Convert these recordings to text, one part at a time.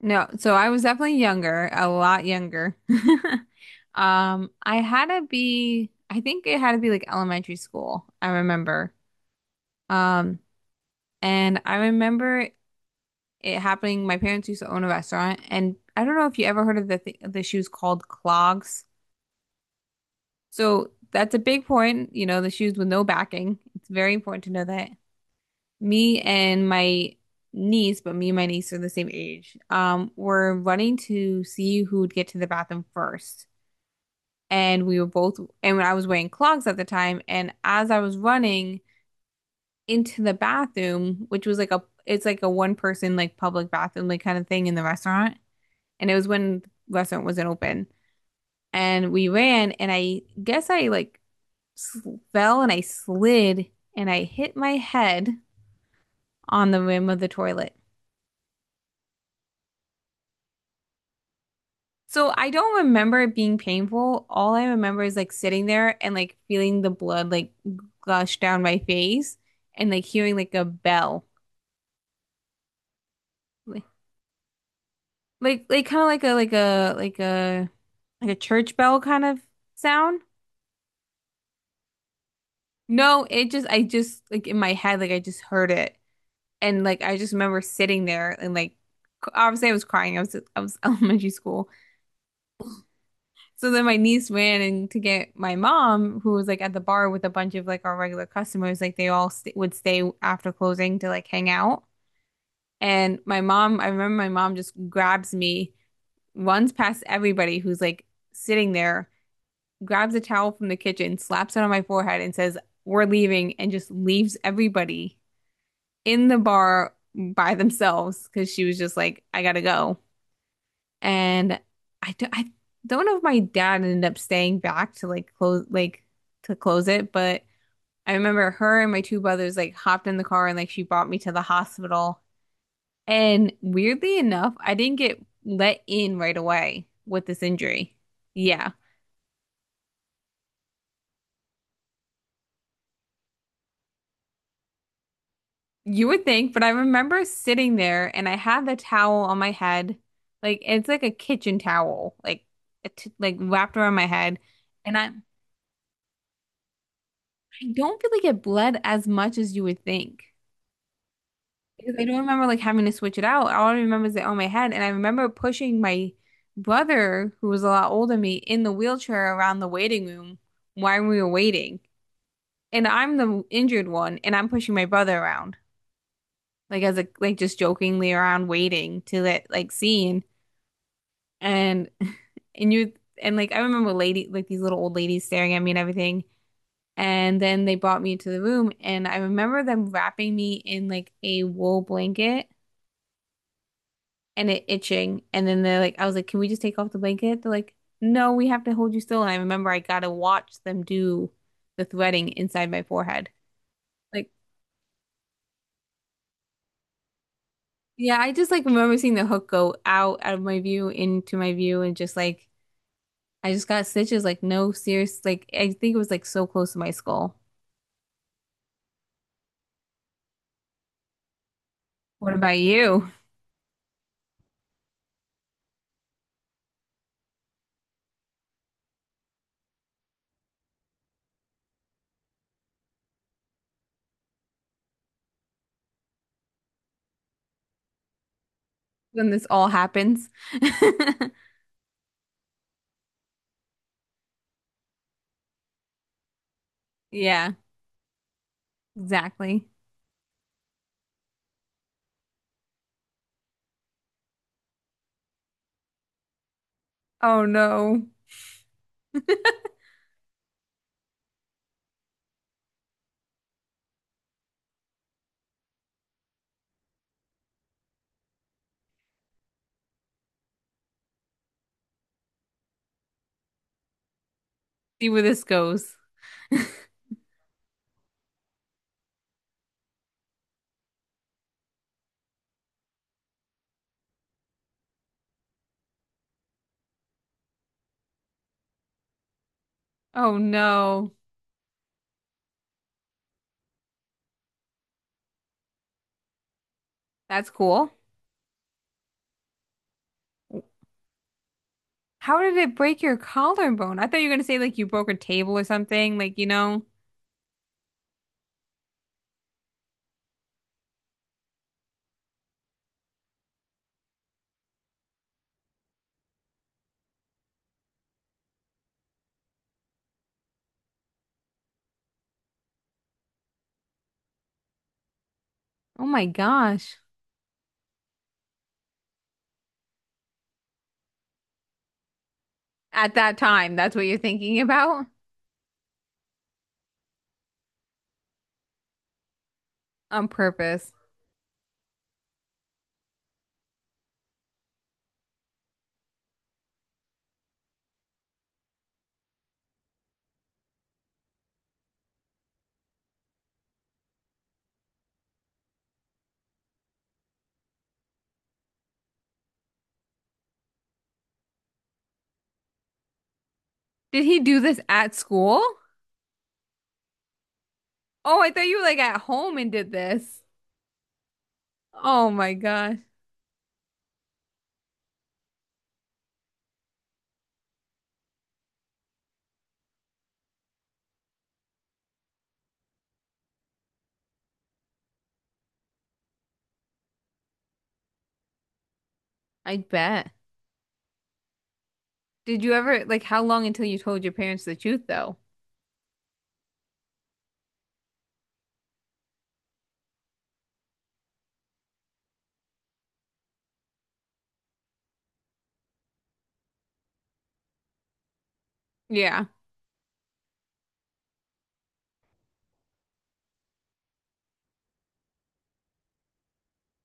No, so I was definitely younger, a lot younger. I had to be, I think it had to be like elementary school, I remember. Um, and I remember it happening. My parents used to own a restaurant, and I don't know if you ever heard of the shoes called clogs. So that's a big point, you know, the shoes with no backing. It's very important to know that. Me and my niece, but me and my niece are the same age, were running to see who would get to the bathroom first. And we were both and when I was wearing clogs at the time and as I was running into the bathroom, which was like a it's like a one person like public bathroom like kind of thing in the restaurant, and it was when the restaurant wasn't open, and we ran and I guess I like fell and I slid and I hit my head on the rim of the toilet. So I don't remember it being painful. All I remember is like sitting there and like feeling the blood like gush down my face and like hearing like a bell. Like like kind of like a like a church bell kind of sound. No, it just I just like in my head like I just heard it, and like I just remember sitting there and like obviously I was crying. I was elementary school. So then my niece ran and to get my mom, who was like at the bar with a bunch of like our regular customers, like they all st would stay after closing to like hang out. And my mom, I remember my mom just grabs me, runs past everybody who's like sitting there, grabs a towel from the kitchen, slaps it on my forehead, and says, "We're leaving," and just leaves everybody in the bar by themselves because she was just like, "I gotta go." And I don't know if my dad ended up staying back to like close, like to close it, but I remember her and my two brothers like hopped in the car and like she brought me to the hospital. And weirdly enough, I didn't get let in right away with this injury. Yeah, you would think, but I remember sitting there and I had the towel on my head. Like it's like a kitchen towel, like it, like wrapped around my head. And I don't really get bled as much as you would think. Because I don't remember like having to switch it out. All I remember is that on my head, and I remember pushing my brother, who was a lot older than me, in the wheelchair around the waiting room while we were waiting. And I'm the injured one, and I'm pushing my brother around, like as a like just jokingly around waiting to let like seen. And and you and like I remember lady like these little old ladies staring at me and everything. And then they brought me to the room, and I remember them wrapping me in like a wool blanket and it itching. And then they're like, I was like, can we just take off the blanket? They're like, no, we have to hold you still. And I remember I got to watch them do the threading inside my forehead. Like, yeah, I just like remember seeing the hook go out of my view into my view and just like I just got stitches. Like, no, serious. Like, I think it was like so close to my skull. What about you? When this all happens. Yeah, exactly. Oh no. See where this goes. Oh no, that's cool. How did it break your collarbone? I thought you were gonna say like you broke a table or something, like you know. Oh my gosh. At that time, that's what you're thinking about? On purpose. Did he do this at school? Oh, I thought you were like at home and did this. Oh my gosh. I bet. Did you ever like how long until you told your parents the truth though? Yeah.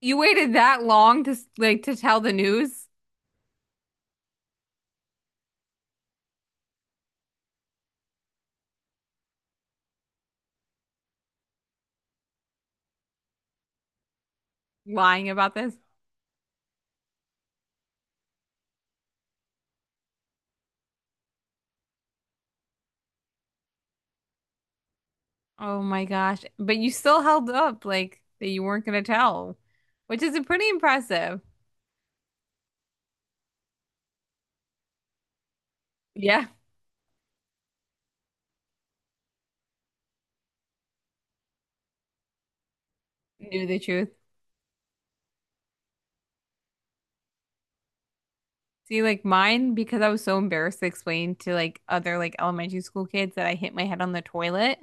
You waited that long to like to tell the news lying about this? Oh my gosh. But you still held up like that you weren't gonna tell, which is pretty impressive. Yeah, knew the truth. See, like mine, because I was so embarrassed to explain to like other like elementary school kids that I hit my head on the toilet,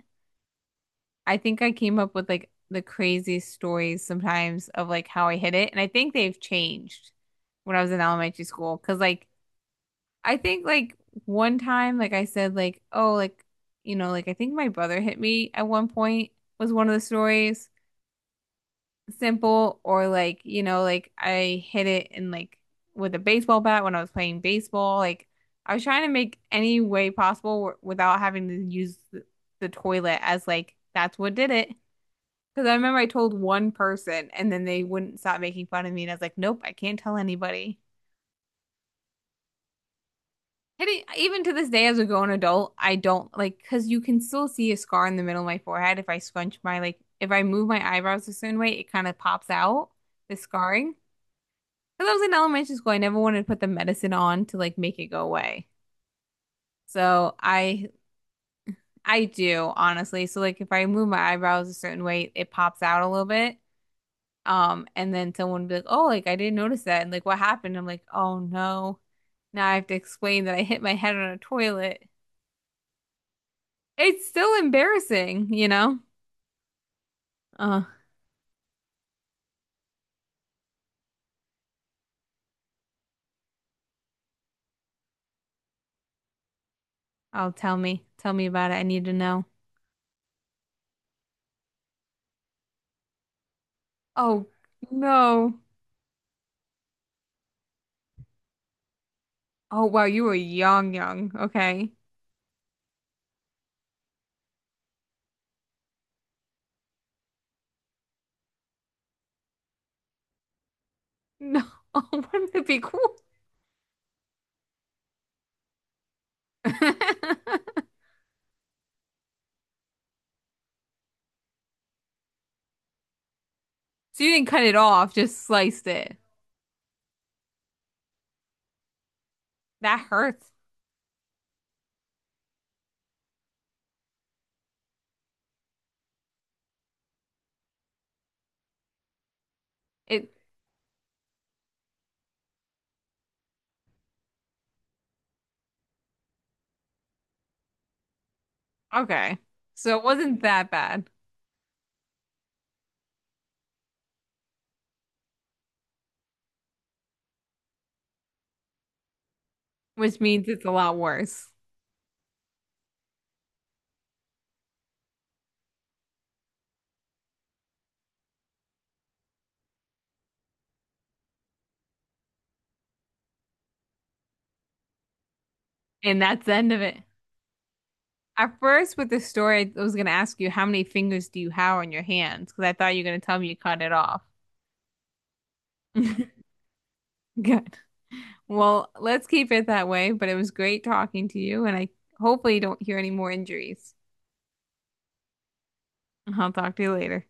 I think I came up with like the craziest stories sometimes of like how I hit it. And I think they've changed when I was in elementary school. Cause like I think like one time, like I said, like, oh, like, you know, like I think my brother hit me at one point was one of the stories. Simple or like, you know, like I hit it in like with a baseball bat when I was playing baseball. Like I was trying to make any way possible w without having to use the toilet as like that's what did it. Because I remember I told one person and then they wouldn't stop making fun of me. And I was like, nope, I can't tell anybody. And it- even to this day, as a grown adult, I don't like, because you can still see a scar in the middle of my forehead if I scrunch my, like, if I move my eyebrows a certain way, it kind of pops out, the scarring. Because I was in elementary school, I never wanted to put the medicine on to like make it go away. So I do, honestly. So like if I move my eyebrows a certain way, it pops out a little bit. And then someone would be like, "Oh, like I didn't notice that." And like, "What happened?" I'm like, "Oh no." Now I have to explain that I hit my head on a toilet. It's still embarrassing, you know? Uh, oh, tell me. Tell me about it. I need to know. Oh, no. Oh, wow, you were young, young. Okay. No. Oh, wouldn't it be cool? So you didn't cut it off, just sliced it. That hurts. It okay. So it wasn't that bad, which means it's a lot worse. And that's the end of it. At first, with the story, I was going to ask you how many fingers do you have on your hands? Because I thought you were going to tell me you cut it off. Good. Well, let's keep it that way. But it was great talking to you, and I hopefully don't hear any more injuries. I'll talk to you later.